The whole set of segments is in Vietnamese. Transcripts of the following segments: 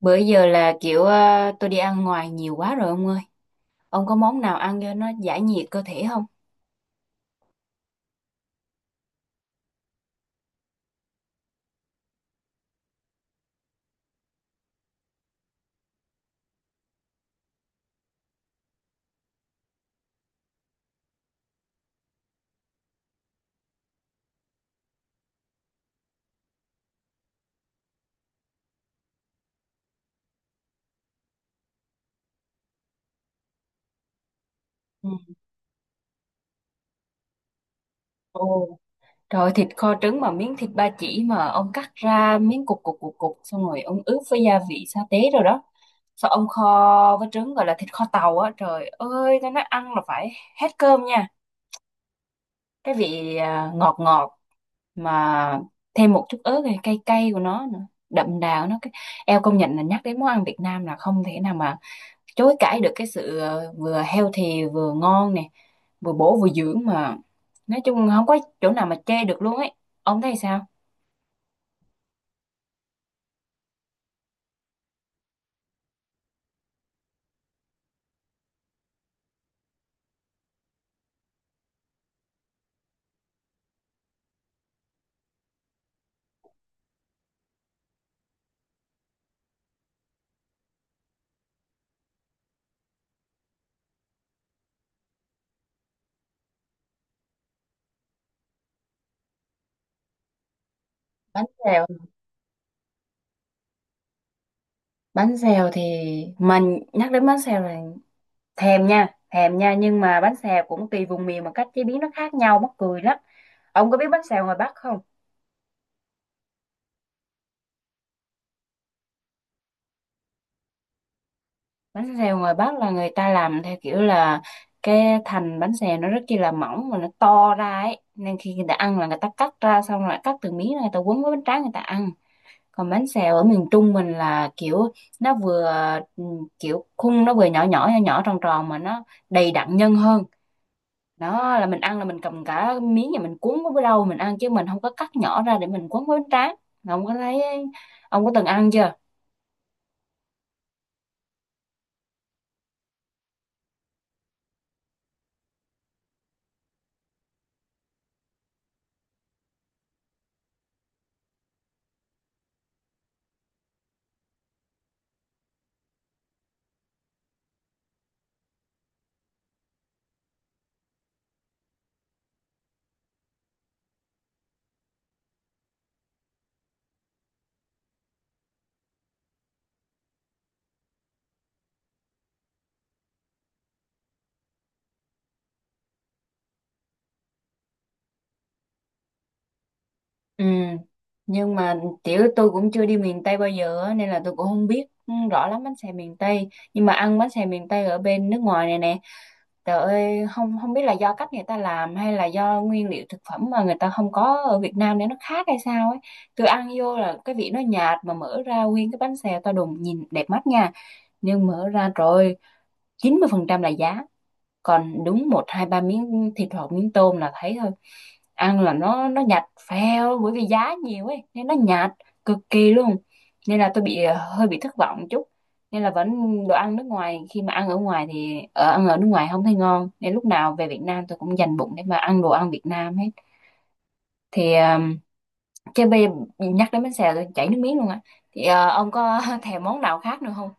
Bữa giờ là kiểu tôi đi ăn ngoài nhiều quá rồi ông ơi. Ông có món nào ăn cho nó giải nhiệt cơ thể không? Ừ. Ồ, trời ơi, thịt kho trứng mà miếng thịt ba chỉ mà ông cắt ra miếng cục cục cục cục xong rồi ông ướp với gia vị sa tế rồi đó. Sao ông kho với trứng gọi là thịt kho tàu á. Trời ơi, tôi nói ăn là phải hết cơm nha. Cái vị ngọt ngọt, mà thêm một chút ớt này, cay cay của nó nữa, đậm đà của nó. Eo, công nhận là nhắc đến món ăn Việt Nam là không thể nào mà chối cãi được cái sự vừa healthy vừa ngon nè, vừa bổ vừa dưỡng mà, nói chung không có chỗ nào mà chê được luôn ấy. Ông thấy sao? Bánh xèo. Bánh xèo thì mình nhắc đến bánh xèo là thèm nha, thèm nha, nhưng mà bánh xèo cũng tùy vùng miền mà cách chế biến nó khác nhau mắc cười lắm. Ông có biết bánh xèo ngoài Bắc không? Bánh xèo ngoài Bắc là người ta làm theo kiểu là cái thành bánh xèo nó rất chi là mỏng mà nó to ra ấy, nên khi người ta ăn là người ta cắt ra xong rồi cắt từng miếng rồi người ta quấn với bánh tráng người ta ăn. Còn bánh xèo ở miền Trung mình là kiểu nó vừa ừ, kiểu khung nó vừa nhỏ nhỏ nhỏ nhỏ tròn tròn mà nó đầy đặn nhân hơn. Đó là mình ăn là mình cầm cả miếng và mình cuốn với rau mình ăn, chứ mình không có cắt nhỏ ra để mình cuốn với bánh tráng. Ông có thấy? Ông có từng ăn chưa? Ừ. Nhưng mà tiểu tôi cũng chưa đi miền Tây bao giờ á, nên là tôi cũng không biết rõ lắm bánh xèo miền Tây, nhưng mà ăn bánh xèo miền Tây ở bên nước ngoài này nè. Trời ơi, không không biết là do cách người ta làm hay là do nguyên liệu thực phẩm mà người ta không có ở Việt Nam để nó khác hay sao ấy. Tôi ăn vô là cái vị nó nhạt, mà mở ra nguyên cái bánh xèo to đùng nhìn đẹp mắt nha. Nhưng mở ra rồi 90% là giá, còn đúng một hai ba miếng thịt hoặc miếng tôm là thấy thôi. Ăn là nó nhạt phèo, bởi vì giá nhiều ấy nên nó nhạt cực kỳ luôn. Nên là tôi bị hơi bị thất vọng chút, nên là vẫn đồ ăn nước ngoài khi mà ăn ở ngoài thì ở ăn ở nước ngoài không thấy ngon, nên lúc nào về Việt Nam tôi cũng dành bụng để mà ăn đồ ăn Việt Nam hết. Thì chứ bây giờ nhắc đến bánh xèo tôi chảy nước miếng luôn á. Thì ông có thèm món nào khác nữa không?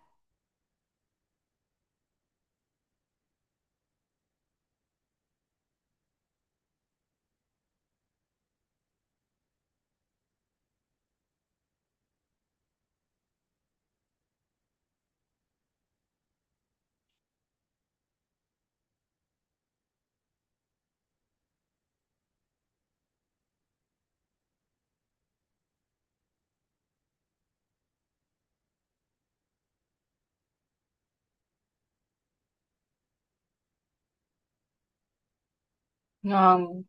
Ngon.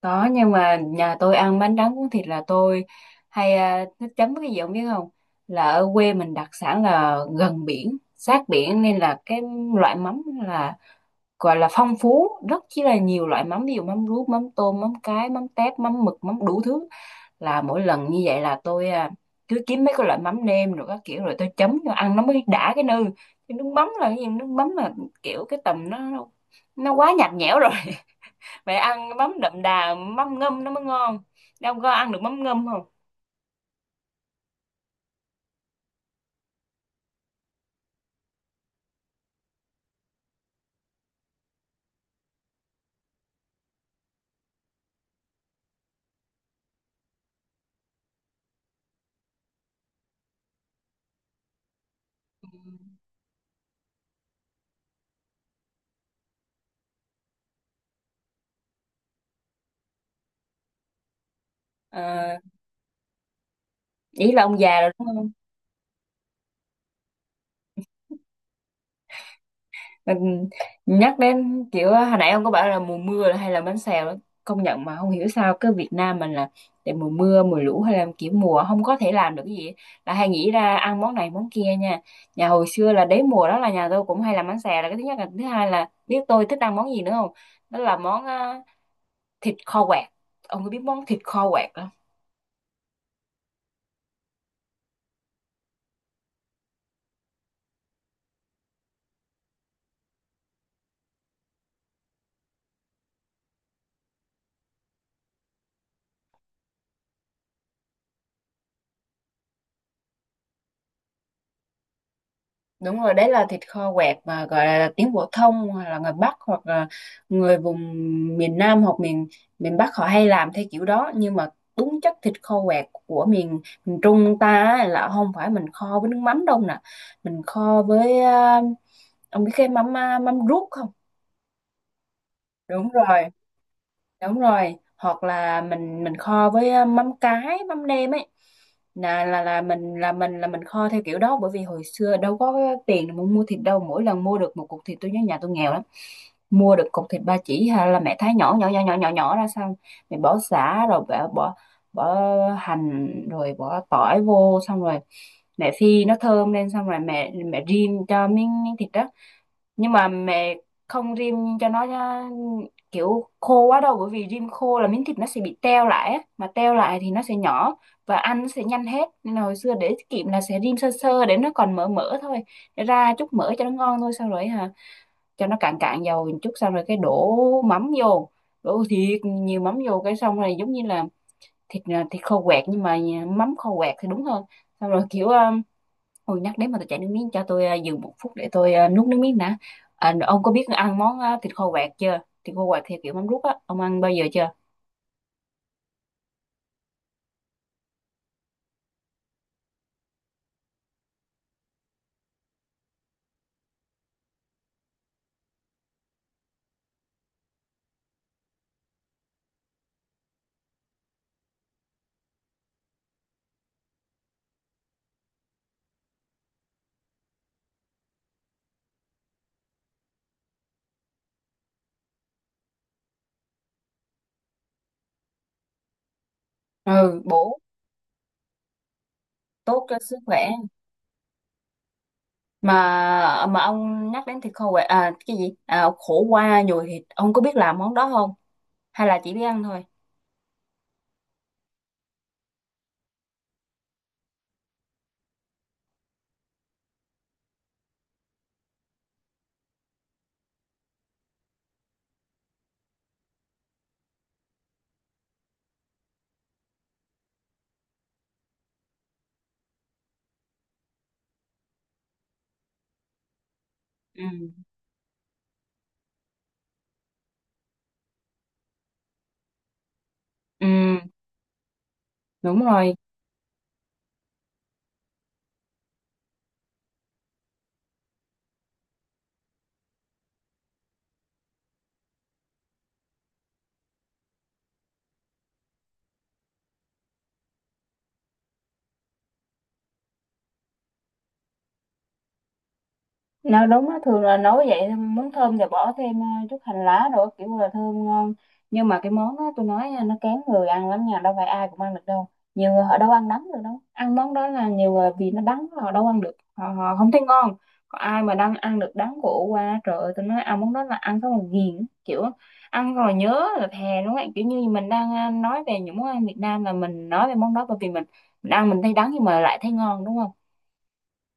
Có, nhưng mà nhà tôi ăn bánh tráng cuốn thịt là tôi hay thích chấm cái gì không biết không? Là ở quê mình đặc sản là gần biển, sát biển, nên là cái loại mắm là gọi là phong phú, rất chỉ là nhiều loại mắm, ví dụ mắm ruốc, mắm tôm, mắm cái, mắm tép, mắm mực, mắm đủ thứ. Là mỗi lần như vậy là tôi cứ kiếm mấy cái loại mắm nêm rồi các kiểu rồi tôi chấm cho ăn nó mới đã cái nư. Cái nước mắm là cái gì? Nước mắm là kiểu cái tầm nó quá nhạt nhẽo rồi, phải ăn mắm đậm đà, mắm ngâm nó mới ngon. Đâu có ăn được mắm ngâm không? À, ý là ông già rồi đúng không? Mình nhắc đến kiểu hồi nãy ông có bảo là mùa mưa hay là bánh xèo đó, công nhận mà không hiểu sao cái Việt Nam mình là để mùa mưa mùa lũ hay là kiểu mùa không có thể làm được cái gì là hay nghĩ ra ăn món này món kia nha. Nhà hồi xưa là đến mùa đó là nhà tôi cũng hay làm bánh xèo là cái thứ nhất, là thứ hai là biết tôi thích ăn món gì nữa không? Đó là món thịt kho quẹt. Ông có biết món thịt kho quẹt? Đúng rồi, đấy là thịt kho quẹt mà gọi là tiếng phổ thông, hoặc là người Bắc, hoặc là người vùng miền Nam hoặc miền miền Bắc họ hay làm theo kiểu đó. Nhưng mà đúng chất thịt kho quẹt của miền miền Trung ta á, là không phải mình kho với nước mắm đâu nè. Mình kho với ông biết cái mắm mắm ruốc không? Đúng rồi. Đúng rồi. Hoặc là mình kho với mắm cái, mắm nêm ấy. Là là là mình là mình là mình kho theo kiểu đó, bởi vì hồi xưa đâu có cái tiền để mà mua thịt đâu. Mỗi lần mua được một cục thịt, tôi nhớ nhà tôi nghèo lắm. Mua được cục thịt ba chỉ hay là mẹ thái nhỏ nhỏ nhỏ nhỏ nhỏ nhỏ ra xong, mẹ bỏ sả rồi bỏ bỏ bỏ hành rồi bỏ tỏi vô, xong rồi mẹ phi nó thơm lên, xong rồi mẹ mẹ rim cho miếng miếng thịt đó. Nhưng mà mẹ không rim cho nó nhá, kiểu khô quá đâu, bởi vì rim khô là miếng thịt nó sẽ bị teo lại á. Mà teo lại thì nó sẽ nhỏ và ăn nó sẽ nhanh hết, nên là hồi xưa để tiết kiệm là sẽ rim sơ sơ để nó còn mỡ mỡ thôi, để ra chút mỡ cho nó ngon thôi. Sau rồi hả, cho nó cạn cạn dầu một chút xong rồi cái đổ mắm vô, đổ thiệt nhiều mắm vô cái, xong rồi giống như là thịt thịt khô quẹt, nhưng mà mắm khô quẹt thì đúng hơn. Xong rồi kiểu ôi nhắc đến mà tôi chảy nước miếng, cho tôi dừng một phút để tôi nuốt nước miếng đã. À, ông có biết ăn món thịt kho quẹt chưa? Thịt kho quẹt theo kiểu mắm rút á, ông ăn bao giờ chưa? Ừ, bổ, tốt cho sức khỏe. Mà ông nhắc đến thịt kho quẹt à cái gì? À, khổ qua nhồi thịt, ông có biết làm món đó không? Hay là chỉ biết ăn thôi? Ừ. Ừ, đúng rồi. Nó đúng á, thường là nấu vậy, muốn thơm thì bỏ thêm chút hành lá rồi kiểu là thơm ngon. Nhưng mà cái món đó tôi nói nha, nó kén người ăn lắm nha, đâu phải ai cũng ăn được đâu. Nhiều người họ đâu ăn đắng được đâu, ăn món đó là nhiều người vì nó đắng họ đâu ăn được, họ không thấy ngon. Còn ai mà đang ăn được đắng của qua, trời ơi, tôi nói ăn món đó là ăn xong rồi ghiền, kiểu ăn rồi nhớ là thèm đúng không ạ? Kiểu như mình đang nói về những món ăn Việt Nam là mình nói về món đó, bởi vì mình ăn mình thấy đắng nhưng mà lại thấy ngon đúng không?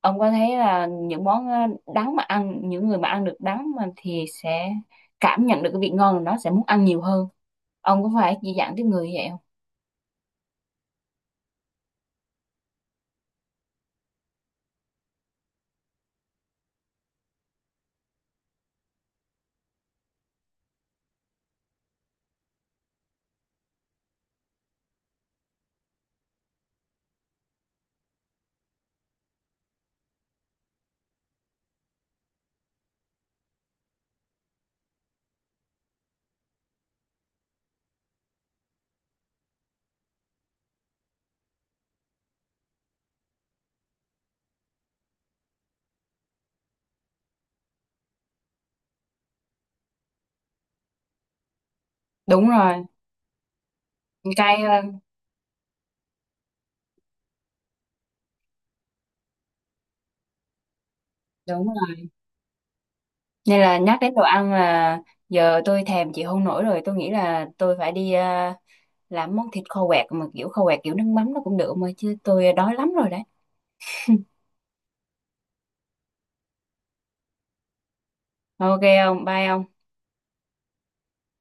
Ông có thấy là những món đắng mà ăn, những người mà ăn được đắng mà thì sẽ cảm nhận được cái vị ngon của nó, sẽ muốn ăn nhiều hơn? Ông có phải dị dạng tiếp người như vậy không? Đúng rồi. Cay hơn. Đúng rồi. Nên là nhắc đến đồ ăn là giờ tôi thèm chịu không nổi rồi, tôi nghĩ là tôi phải đi làm món thịt kho quẹt mà kiểu kho quẹt kiểu nước mắm nó cũng được mà, chứ tôi đói lắm rồi đấy. OK ông, bye ông.